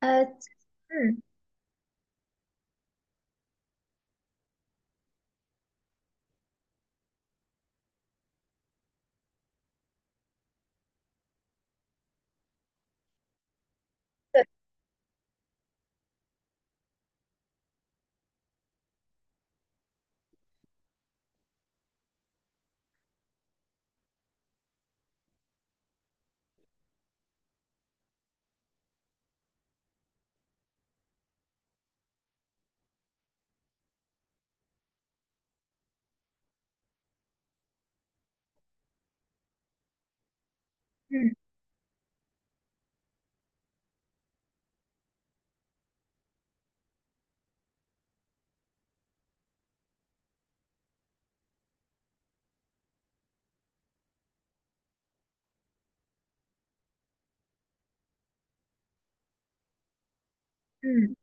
呃，嗯嗯嗯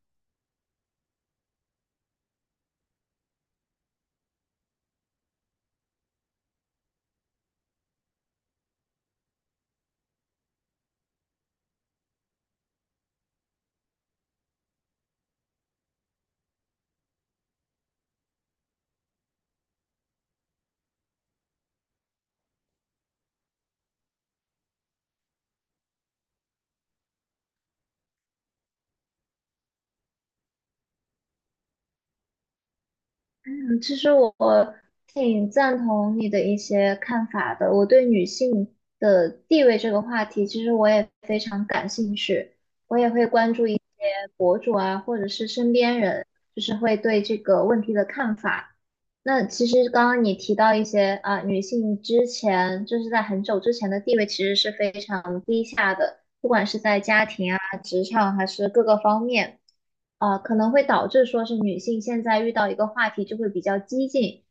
嗯，其实我挺赞同你的一些看法的。我对女性的地位这个话题，其实我也非常感兴趣，我也会关注一些博主啊，或者是身边人，就是会对这个问题的看法。那其实刚刚你提到一些啊，女性之前就是在很久之前的地位其实是非常低下的。不管是在家庭啊、职场还是各个方面，啊、可能会导致说是女性现在遇到一个话题就会比较激进，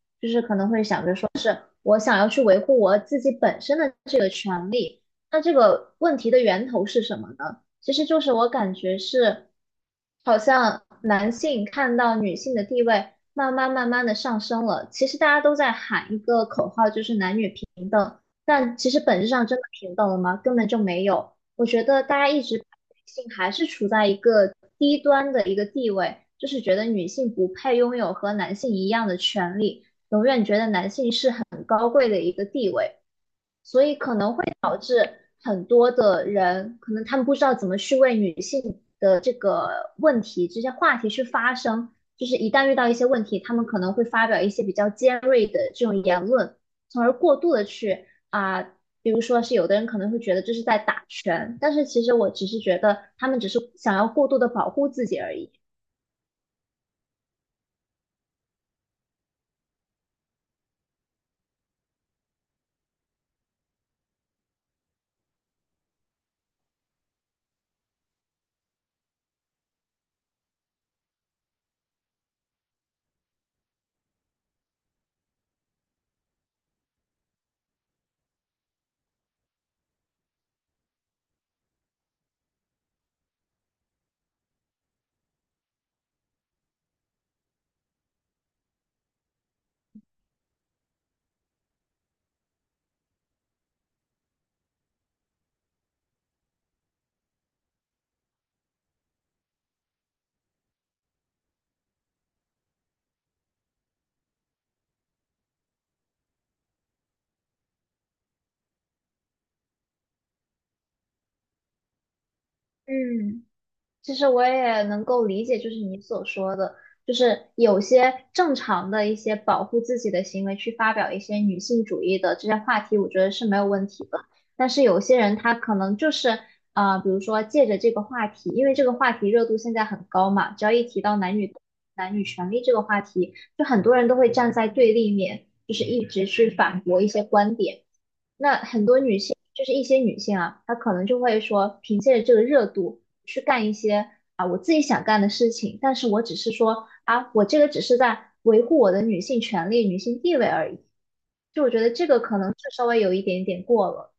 我想要去维护我自己本身的。这。那这个问题的源头是什么呢？其实就是我感觉是，好像男性看到女性的地位慢慢慢慢的上升了。其实大家都在喊一个口号，就是男女平等，但其实本质上真的平等了吗？根本就没有。我觉得大家一直把女性还是处在一个低端的一个地位，就是觉得女性不配拥有和男性一样的权利，永远觉得男性是很高贵的一个地位。所以可能会导致很多的人，可能他们不知道怎么去为女性的这个问题、这些话题去发声，就是一旦遇到一些问题，他们可能会发表一些比较尖锐的这种言论，从而过度的去啊、比如说是有的人可能会觉得这是在打拳，但是其实我只是觉得他们只是想要过度的保护自己而已。嗯。其实我也能够理解，就是你所说的，就是有些正常的一些保护自己的行为，去发表一些女性主义的这些话题，我觉得是没有问题的。但是有些人他可能就是啊，比如说借着这个话题，因为这个话题热度现在很高嘛，只要一提到男女权利这个话题，就很多人都会站在对立面，就是一直去反驳一些观点。那很多女性，就是一些女性啊，她可能就会说，凭借着这个热度去干一些啊我自己想干的事情，但是我只是说啊，我这个只是在维护我的女性权利、女性地位而已。就我觉得这个可能是稍微有一点点过了。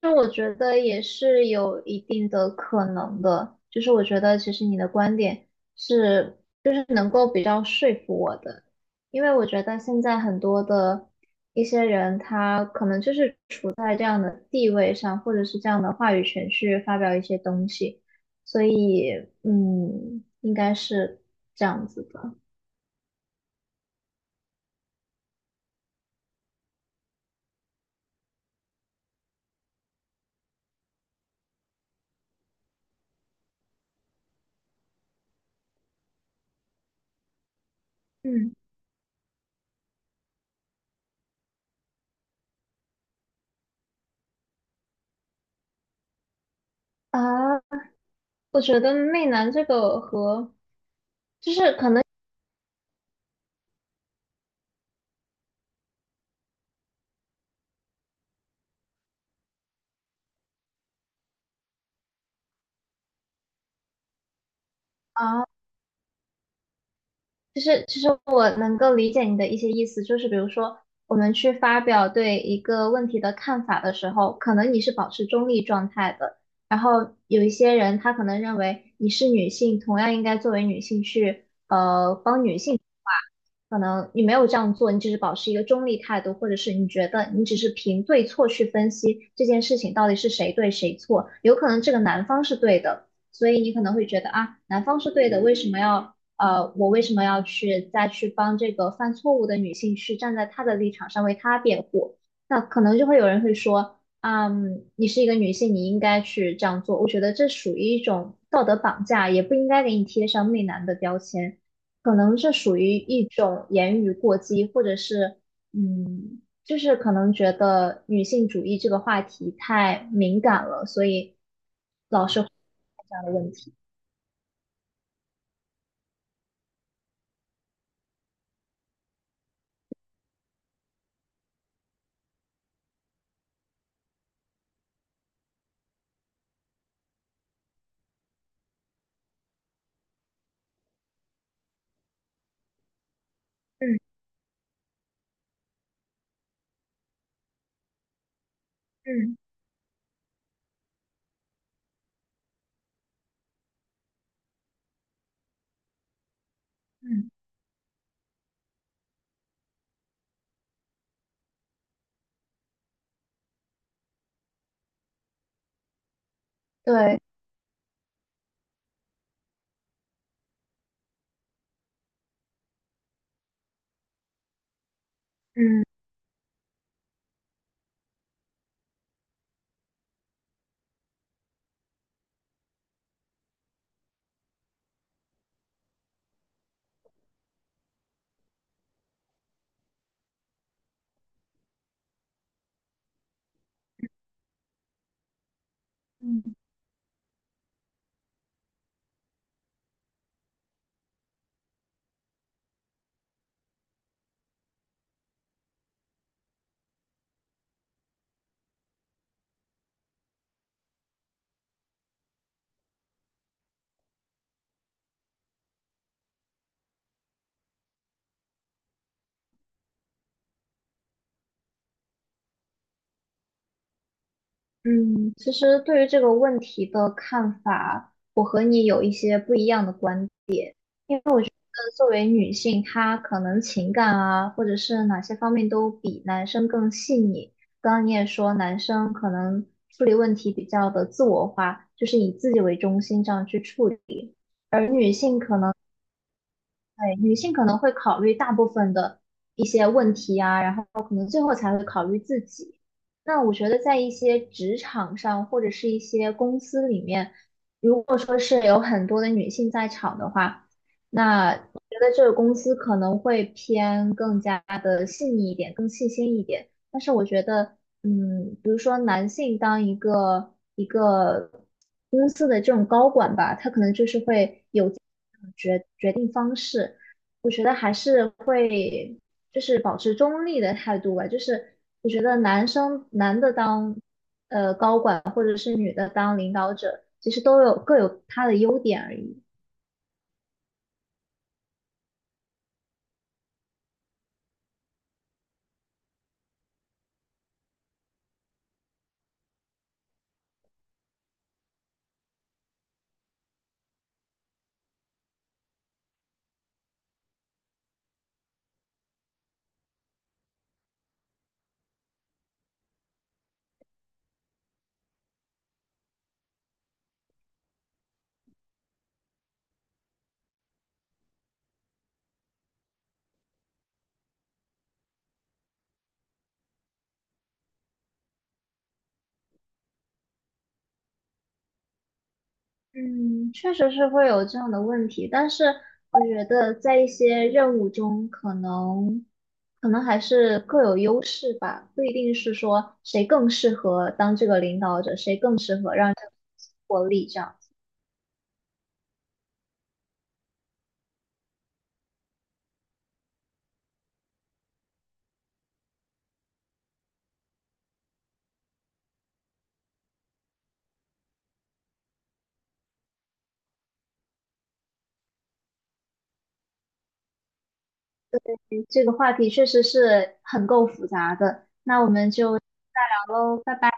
那我觉得也是有一定的可能的，就是我觉得其实你的观点是，就是能够比较说服我的，因为我觉得现在很多的一些人，他可能就是处在这样的地位上，或者是这样的话语权去发表一些东西，所以嗯，应该是这样子的，嗯啊，我觉得媚男这个和啊。就是其实我能够理解你的一些意思，就是比如说，我们去发表对一个问题的看法的时候，可能你是保持中立状态的，然后有一些人他可能认为你是女性，同样应该作为女性去帮女性，可能你没有这样做，你只是保持一个中立态度，或者是你觉得你只是凭对错去分析这件事情到底是谁对谁错，有可能这个男方是对的，所以你可能会觉得啊，男方是对的，为什么要？我为什么要去再去帮这个犯错误的女性去站在她的立场上为她辩护？那可能就会有人会说，嗯，你是一个女性，你应该去这样做。我觉得这属于一种道德绑架，也不应该给你贴上媚男的标签。可能这属于一种言语过激，或者是，嗯，就是可能觉得女性主义这个话题太敏感了，所以这样的问题。嗯嗯嗯，对。嗯嗯。嗯，其实对于这个问题的看法和你有一些不一样的观点，因为我觉得作为女性，她可能情感啊，或者是哪些方面都比男生更细腻。刚刚你也说，男生可能处理问题比较的自我化，就是以自己为中心这样去处理。对，女性可能会考虑大部分的一些问题啊，然后可能最后才会考虑自己。那我觉得在一些职场上或者是一些公司里面，如果说是有很多的女性在场的话，那我觉得这个公司可能会偏更加的细腻一点，更细心一点。但是我觉得嗯，比如说男性当一个一个公司的这种高管吧，他可能就是会有这种决决定方式，我觉得还是会就是保持中立的态度吧，就是我觉得男生男的当高管或者是女的当领导者，其实都有各有他的优点而已。嗯，确实是会有这样的问题，但是我觉得在一些任务中，可能还是各有优势吧，不一定是说谁更适合当这个领导者，谁更适合让这个获利这样。嗯这个话题确实是很够复杂的，那我们就再聊喽，拜拜。